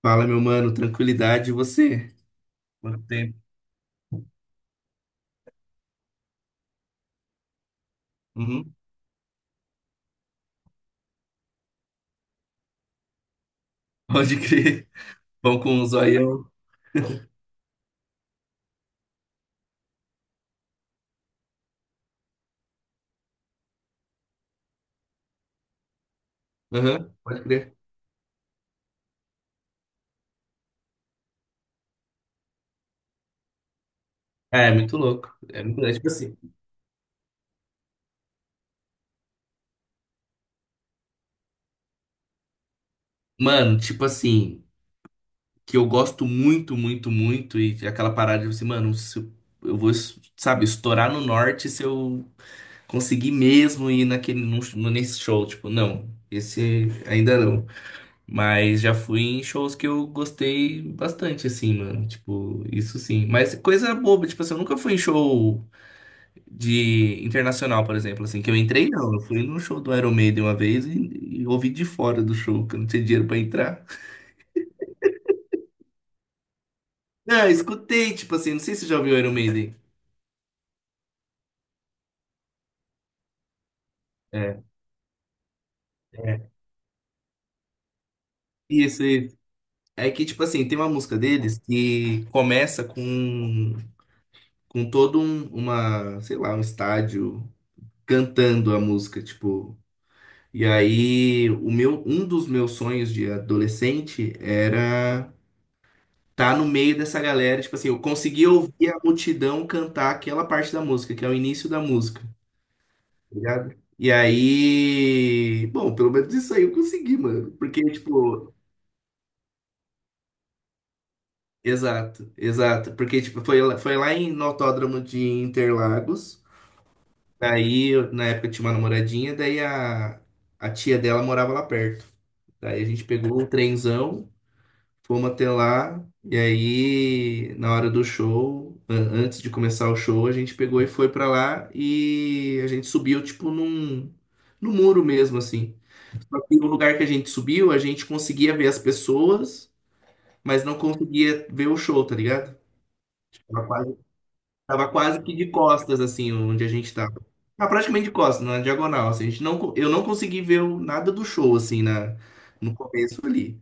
Fala, meu mano, tranquilidade, e você? Quanto tempo? Uhum. Pode crer. Vão com um zoião. Aham, pode crer. É, é muito louco. É muito é tipo assim. Mano, tipo assim, que eu gosto muito, muito, muito, e aquela parada de assim, mano, se eu vou, sabe, estourar no norte se eu conseguir mesmo ir naquele, nesse show. Tipo, não, esse ainda não. Mas já fui em shows que eu gostei bastante, assim, mano. Tipo, isso sim. Mas coisa boba, tipo assim, eu nunca fui em show de internacional, por exemplo, assim, que eu entrei, não. Eu fui num show do Iron Maiden uma vez e ouvi de fora do show, que eu não tinha dinheiro pra entrar. Não, eu escutei, tipo assim, não sei se você já ouviu Iron Maiden. É, é. Isso, isso. É que, tipo assim, tem uma música deles que começa com todo um, uma, sei lá, um estádio cantando a música, tipo. E aí, um dos meus sonhos de adolescente era estar no meio dessa galera, tipo assim, eu conseguia ouvir a multidão cantar aquela parte da música, que é o início da música, tá ligado? E aí, bom, pelo menos isso aí eu consegui, mano, porque tipo, exato, exato, porque tipo, foi lá no Autódromo de Interlagos. Daí, na época eu tinha uma namoradinha, daí a tia dela morava lá perto. Daí a gente pegou um trenzão. Fomos até lá, e aí, na hora do show, antes de começar o show, a gente pegou e foi pra lá e a gente subiu, tipo, num muro mesmo, assim. Só que o lugar que a gente subiu, a gente conseguia ver as pessoas, mas não conseguia ver o show, tá ligado? Tipo, Tava quase que de costas, assim, onde a gente tava. Ah, praticamente de costas, na diagonal, assim. A gente não, co- Eu não consegui ver nada do show, assim, no começo ali.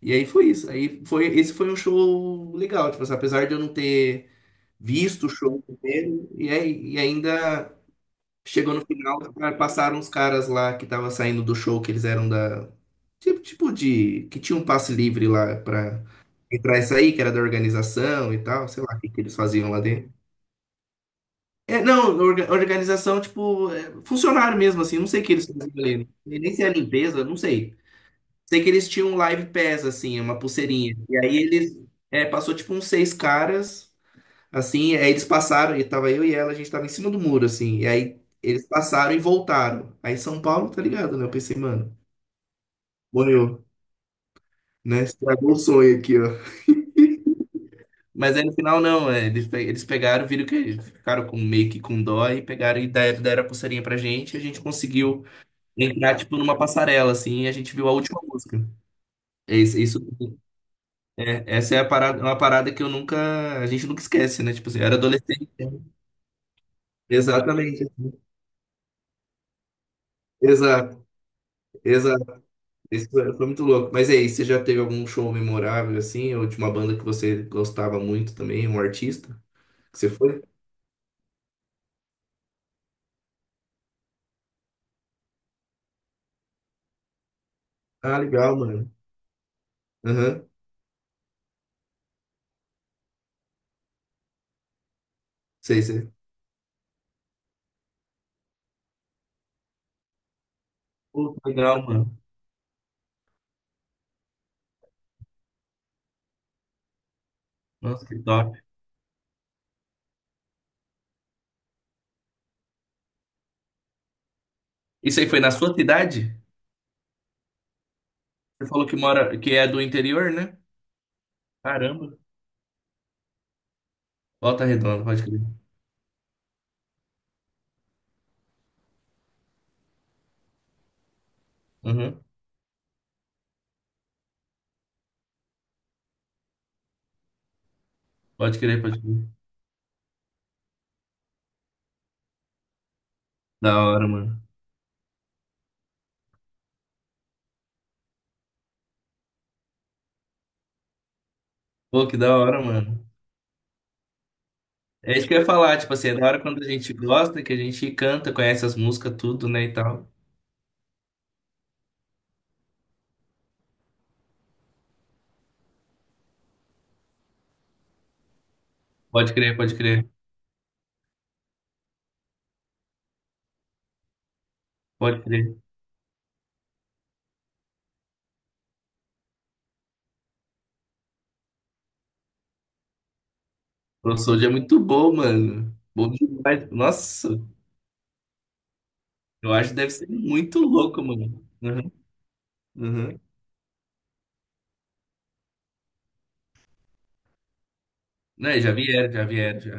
E aí foi isso. Esse foi um show legal, tipo assim, apesar de eu não ter visto o show primeiro e ainda chegou no final, passaram uns caras lá que estavam saindo do show, que eles eram da. Tipo de. Que tinha um passe livre lá pra entrar e sair, que era da organização e tal, sei lá o que, que eles faziam lá dentro. É, não, organização, tipo, é, funcionário mesmo, assim, não sei o que eles faziam ali. Nem se é limpeza, não sei. Sei que eles tinham um Live Pass, assim, uma pulseirinha. E aí eles passou tipo uns seis caras, assim, aí eles passaram, e tava eu e ela, a gente tava em cima do muro, assim, e aí eles passaram e voltaram. Aí São Paulo, tá ligado, né? Eu pensei, mano, morreu, né? Estragou o sonho aqui, ó. Mas aí no final não, é, eles pegaram, viram que eles ficaram com, meio que com dó e pegaram e deram a pulseirinha pra gente, e a gente conseguiu entrar, tipo, numa passarela, assim, e a gente viu a última música. É. Isso, isso. É, essa é a parada, uma parada que eu nunca, a gente nunca esquece, né? Tipo assim, eu era adolescente. Exatamente. Exato, exato. Isso foi muito louco. Mas aí, você já teve algum show memorável assim, ou de uma banda que você gostava muito também, um artista que você foi? Ah, legal, mano. Aham. Sei, sei. Pô, que legal, mano. Nossa, que top. Isso aí foi na sua cidade? Você falou que mora, que é do interior, né? Caramba. Volta Redonda, pode crer. Uhum. Pode crer, pode crer. Da hora, mano. Pô, que da hora, mano. É isso que eu ia falar, tipo assim, é da hora quando a gente gosta, que a gente canta, conhece as músicas, tudo, né, e tal. Pode crer, pode crer, pode crer. O Soulja é muito bom, mano. Bom demais. Nossa, eu acho que deve ser muito louco, mano. Uhum, uhum. Né, já vieram, já vieram, já.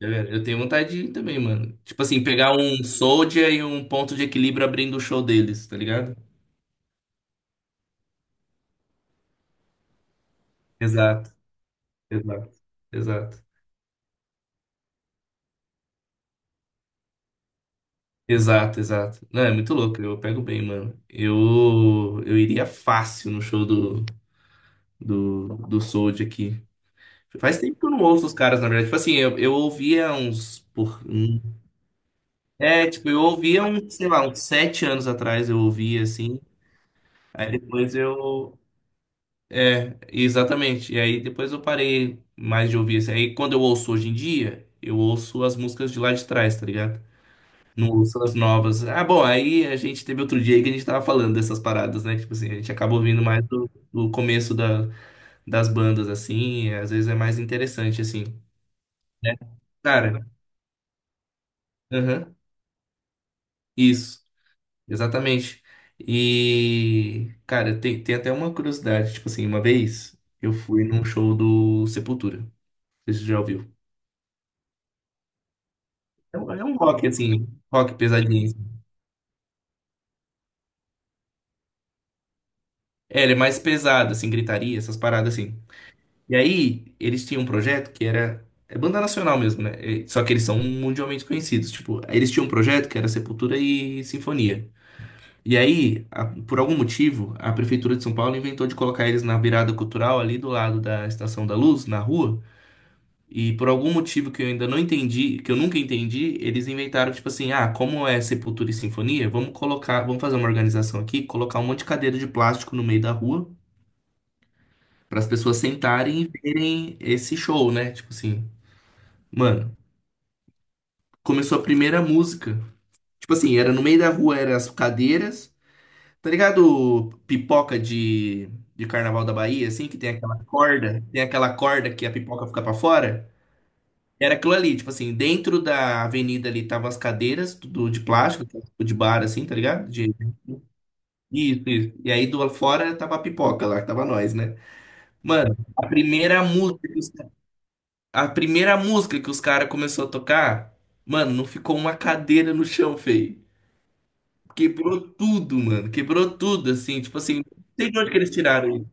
Já vieram. Eu tenho vontade de ir também, mano. Tipo assim, pegar um Soulja e um ponto de equilíbrio abrindo o show deles, tá ligado? Exato, exato, exato. Exato, exato. Não, é muito louco, eu pego bem, mano. Eu iria fácil no show do Soulja aqui. Faz tempo que eu não ouço os caras, na verdade. Tipo assim, eu ouvia uns. É, tipo, eu ouvia uns, sei lá, uns 7 anos atrás, eu ouvia assim. Aí depois eu. É, exatamente. E aí depois eu parei mais de ouvir assim. Aí quando eu ouço hoje em dia, eu ouço as músicas de lá de trás, tá ligado? Não ouço as novas. Ah, bom, aí a gente teve outro dia aí que a gente tava falando dessas paradas, né? Tipo assim, a gente acaba ouvindo mais do começo das bandas, assim, e às vezes é mais interessante, assim, né? Cara, aham, isso, exatamente. E, cara, tem até uma curiosidade, tipo assim, uma vez eu fui num show do Sepultura, não sei se você já ouviu. É um rock, assim, rock pesadinho, assim. É, ele é mais pesado, assim, gritaria, essas paradas, assim. E aí, eles tinham um projeto que era. É banda nacional mesmo, né? Só que eles são mundialmente conhecidos. Tipo, eles tinham um projeto que era Sepultura e Sinfonia. E aí, por algum motivo, a Prefeitura de São Paulo inventou de colocar eles na virada cultural ali do lado da Estação da Luz, na rua. E por algum motivo que eu ainda não entendi, que eu nunca entendi, eles inventaram, tipo assim, ah, como é Sepultura e Sinfonia, vamos fazer uma organização aqui, colocar um monte de cadeira de plástico no meio da rua, para as pessoas sentarem e verem esse show, né? Tipo assim. Mano, começou a primeira música. Tipo assim, era no meio da rua, eram as cadeiras. Tá ligado? Pipoca de Carnaval da Bahia, assim, que tem aquela corda que a pipoca fica pra fora. Era aquilo ali, tipo assim, dentro da avenida ali estavam as cadeiras, tudo de plástico, tipo de bar, assim, tá ligado? Isso, isso. E aí do lado fora tava a pipoca lá, que tava nós, né? Mano, a primeira música que os, a primeira música que os caras começou a tocar, mano, não ficou uma cadeira no chão, feio. Quebrou tudo, mano. Quebrou tudo, assim. Tipo assim, não sei de onde que eles tiraram isso.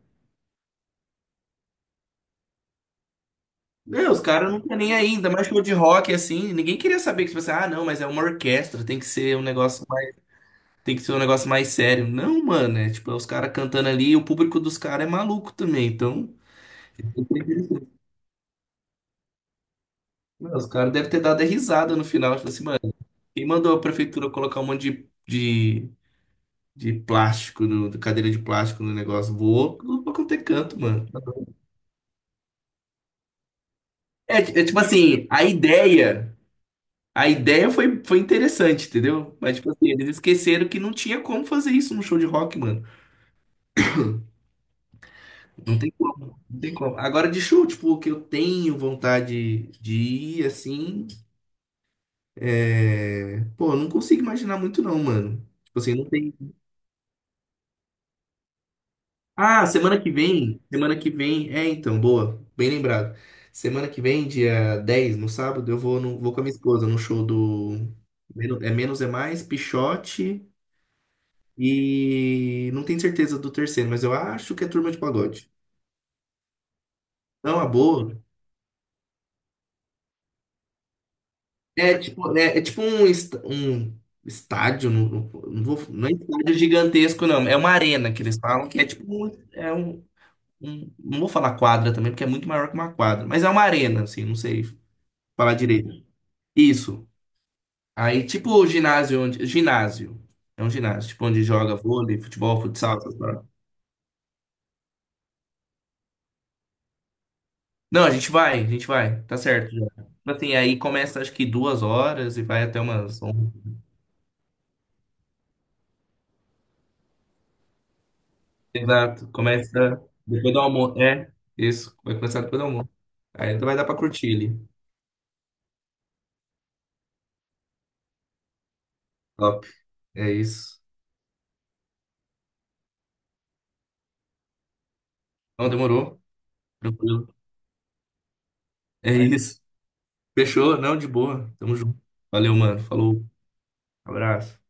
Meu, os caras não tá nem aí, ainda mais show de rock, assim. Ninguém queria saber que, tipo assim, ah, não, mas é uma orquestra, tem que ser um negócio mais, tem que ser um negócio mais sério. Não, mano, é tipo, é os caras cantando ali e o público dos caras é maluco também. Então, eu tenho que- Meu, os caras devem ter dado a risada no final. Tipo assim, mano, quem mandou a prefeitura colocar um monte de, de, de plástico, no, de cadeira de plástico no negócio? Voou, não vou ter canto, mano. É tipo assim, a ideia. A ideia foi interessante, entendeu? Mas, tipo assim, eles esqueceram que não tinha como fazer isso num show de rock, mano. Não tem como, não tem como. Agora, de show, tipo, que eu tenho vontade de ir, assim, é. Pô, eu não consigo imaginar muito não, mano. Tipo assim, não tem. Ah, semana que vem, é, então, boa, bem lembrado. Semana que vem, dia 10, no sábado, eu vou, no, vou com a minha esposa no show do. É Menos é Mais, Pixote. E não tenho certeza do terceiro, mas eu acho que é Turma de Pagode. Não, a boa. É tipo, é tipo um, um estádio, não, não é estádio gigantesco, não. É uma arena que eles falam, que é tipo um, Não vou falar quadra também, porque é muito maior que uma quadra. Mas é uma arena, assim, não sei falar direito. Isso. Aí, tipo o ginásio onde. Ginásio. É um ginásio, tipo, onde joga vôlei, futebol, futsal, essas paradas. Não, a gente vai, tá certo já. Tipo assim, aí começa acho que 2 horas e vai até umas 11. Exato, começa depois do almoço. É, isso, vai começar depois do almoço. Aí vai dar pra curtir ali. Top, é isso. Não, demorou, tranquilo. É isso. Fechou? Não, de boa. Tamo junto. Valeu, mano. Falou. Abraço.